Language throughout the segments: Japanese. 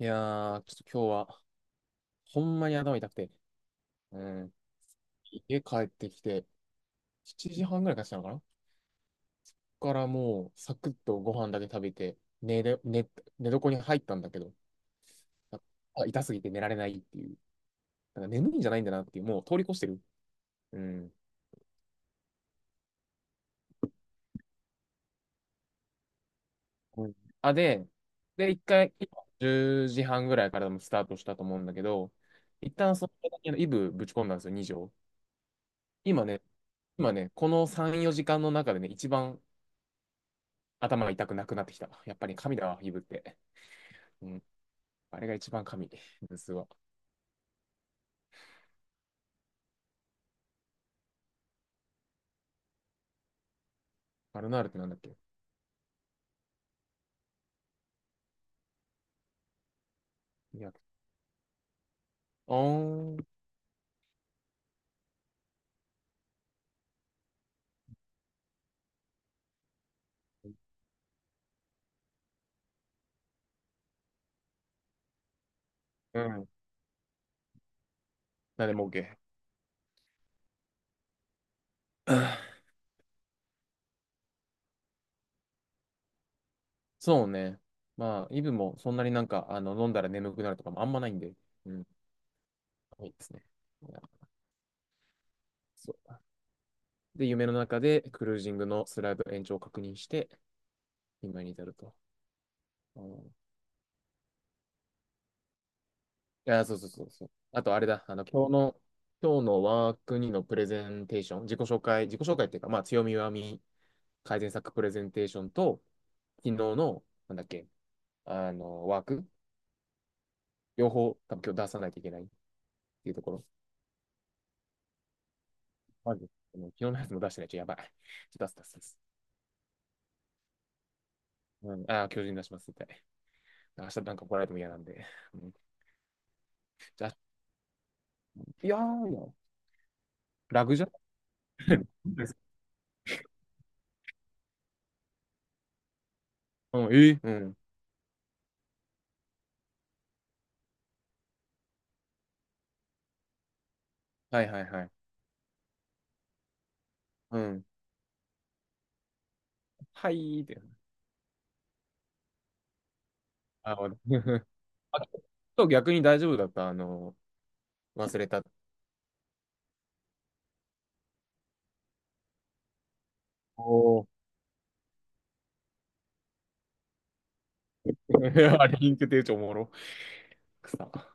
いやー、ちょっと今日は、ほんまに頭痛くて、うん。家帰ってきて、7時半ぐらいからしたのかな。ここからもう、サクッとご飯だけ食べて、寝れ、寝、寝床に入ったんだけど、あ、痛すぎて寝られないっていう。なんか眠いんじゃないんだなっていう、もう通り越してる。うん。うん。あ、で、一回、10時半ぐらいからもスタートしたと思うんだけど、一旦その時のイブぶち込んだんですよ、2錠。今ね、今ね、この3、4時間の中でね、一番頭が痛くなくなってきた。やっぱり神だわ、イブって。うん。あれが一番神。ムスは。マルナールってなんだっけ。いや、あーん。うん。なんでも OK。そうね。まあ、イブもそんなになんか、あの、飲んだら眠くなるとかもあんまないんで。うん。いいですね。いや、そう。で、夢の中でクルージングのスライド延長を確認して、今に至ると。うん、いや、そうそうそうそう。あと、あれだ。あの、今日のワーク2のプレゼンテーション、自己紹介、自己紹介っていうか、まあ、強み弱み改善策プレゼンテーションと、昨日の、なんだっけ、あの、ワーク、両方、多分今日出さないといけないっていうところ。まず、昨日のやつも出してないとやばい。ちょっと出す、出す、出す。うん、ああ、巨人出します、みたい対。明日なんか来られても嫌なんで。うん、じゃあ、いやー、いやラグじゃないの。 うん、うん。はいはいはい。うん。はいーって。あ、あ、ちょっと逆に大丈夫だった。あの、忘れた。おー。 あれ、リンク手帳おもろ。くさ。さ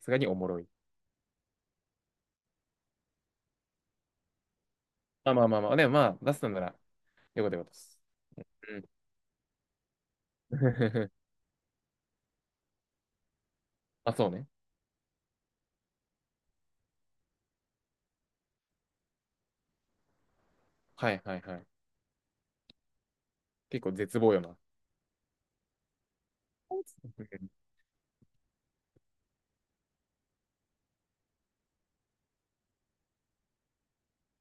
すがにおもろい。まあ、まあまあまあ。でもまあ、出すんなら、よかったよかったです。うん。あ、そうね。はいはいはい。結構絶望よな。うん。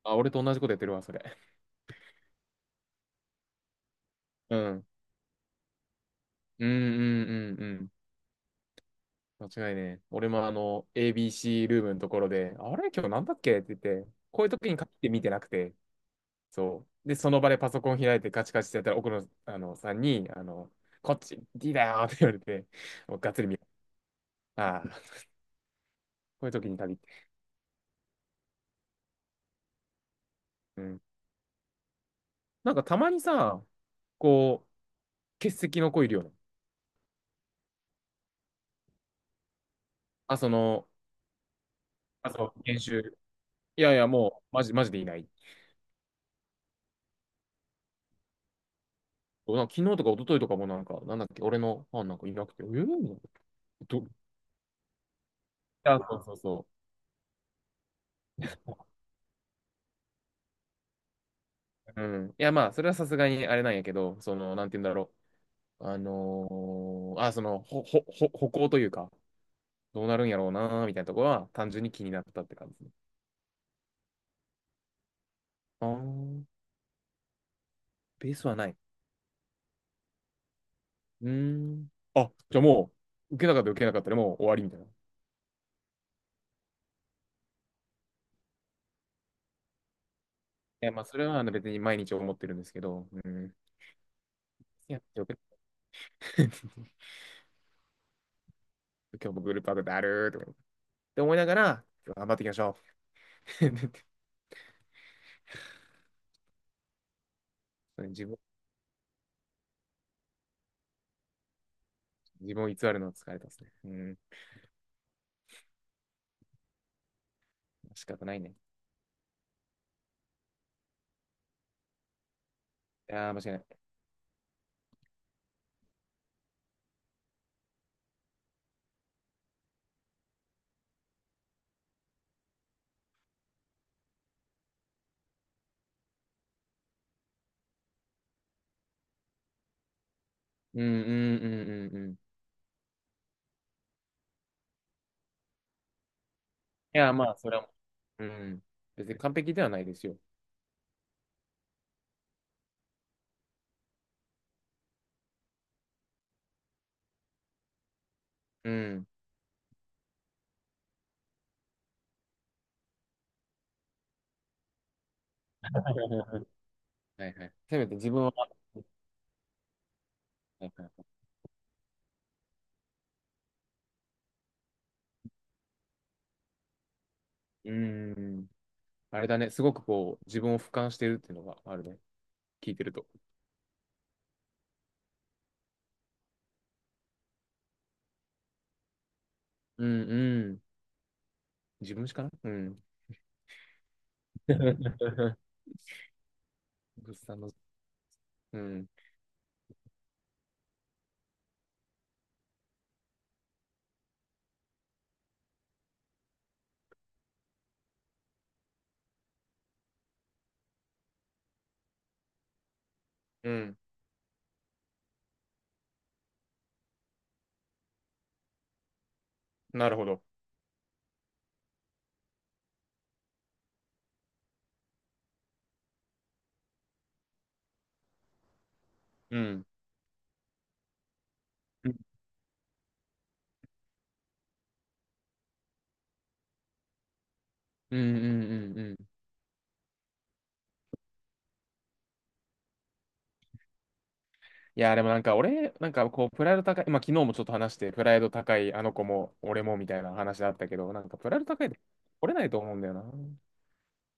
あ、俺と同じことやってるわ、それ。うん。うんうんうんうん。間違いねえ。俺もあの、ABC ルームのところで、あれ今日なんだっけって言って、こういう時に限って見てなくて、そう。で、その場でパソコン開いてカチカチってやったら、奥野あのさんに、あの、こっち、D だよって言われて、もうがっつり見る。ああ、こういう時に限って。うん。なんかたまにさ、こ欠席の子いるよね。あ、その、あ、そう、研修。いやいや、もう、マジ、マジでいない。なんか昨日とか一昨日とかもなんか、なんだっけ、俺のファンなんかいなくて、ど、いそうそうそう。うん。いや、まあ、それはさすがにあれなんやけど、その、なんて言うんだろう。あ、その、ほ、ほ、ほ、歩行というか、どうなるんやろうなーみたいなところは、単純に気になったって感じ。あー、ベースはない。うーん。あ、じゃあもう、受けなかったら受けなかったでもう終わりみたいな。いや、まあ、それはあの別に毎日思ってるんですけど、うん。いや、よく。 今日もグループワークだるーとかって思いながら、頑張っていきましょう。自分、自分を偽るのは疲れたですね。うん。仕方ないね。いやー、間違いない。うん、うん、うん、うん、うん。いやー、まあ、それは、うん。別に完璧ではないですよ。うん。はいはい。せめて自分は、はいはい、うん。あれだね、すごくこう、自分を俯瞰してるっていうのがあるね。聞いてると。うんうん。自分しかな、うん。グッさんの、うん。うん。なるほど。うん。うんうんうんうんうん。いや、でもなんか俺、なんかこう、プライド高い、まあ昨日もちょっと話して、プライド高い、あの子も、俺もみたいな話あったけど、なんかプライド高いで、折れないと思うんだよな。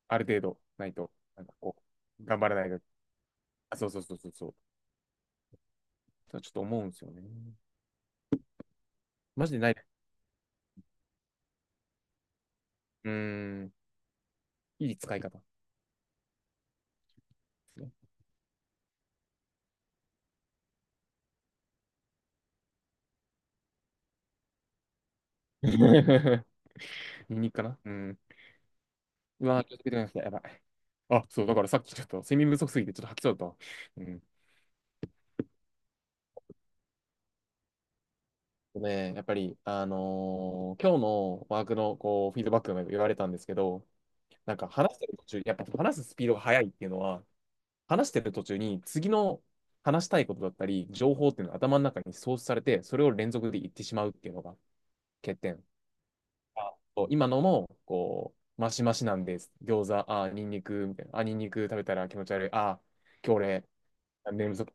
ある程度、ないと。なんかこう、頑張らないと。あ、そうそうそうそうそう。そうちょっと思うんですよね。マジでない。うーん、いい使い方ですね。ニンニクかな、うん。うわ、気をつけてください。やばい。あ、そう、だからさっきちょっと睡眠不足すぎてちょっと吐きそうだったわ。うん。ね、やっぱり、今日のワークのこうフィードバックでも言われたんですけど、なんか話してる途中、やっぱ話すスピードが速いっていうのは、話してる途中に次の話したいことだったり、情報っていうのが頭の中に創出されて、それを連続で言ってしまうっていうのが欠点。あ、そう、今のも、こう、マシマシなんです。餃子、あ、ニンニク、みたいな。あ、ニンニク食べたら気持ち悪い。あ、今日俺、眠そう。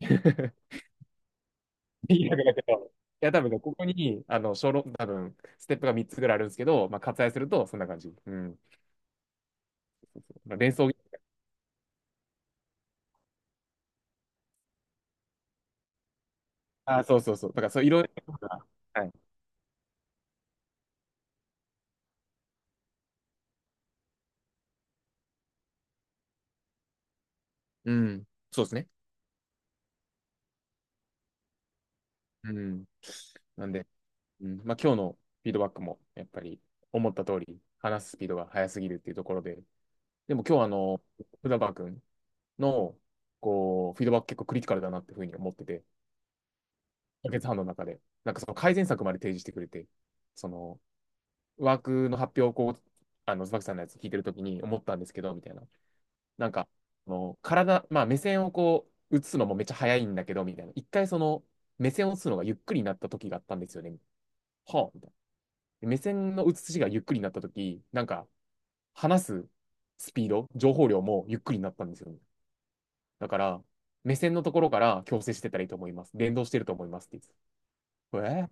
いや、だけど、いや、多分ね、ここに、あの、小論、多分、ステップが3つぐらいあるんですけど、まあ、割愛すると、そんな感じ。うん。まあ、連想、あ、そうそうそう。だから、そう、いろいろなことが、はい。うん。そうですね。うん。なんで、うん、まあ、今日のフィードバックも、やっぱり、思った通り、話すスピードが速すぎるっていうところで、でも今日は、あの、福田君の、こう、フィードバック結構クリティカルだなっていうふうに思ってて、解決月半の中で、なんかその改善策まで提示してくれて、その、ワークの発表をこう、あの、椿さんのやつ聞いてるときに思ったんですけど、みたいな。なんか、あの体、まあ目線をこう、映すのもめっちゃ早いんだけど、みたいな。一回その、目線を映すのがゆっくりになった時があったんですよね。はあ、みたいな。目線の映しがゆっくりになった時、なんか、話すスピード、情報量もゆっくりになったんですよね。だから、目線のところから矯正してたらいいと思います。連動してると思いますって言ってえー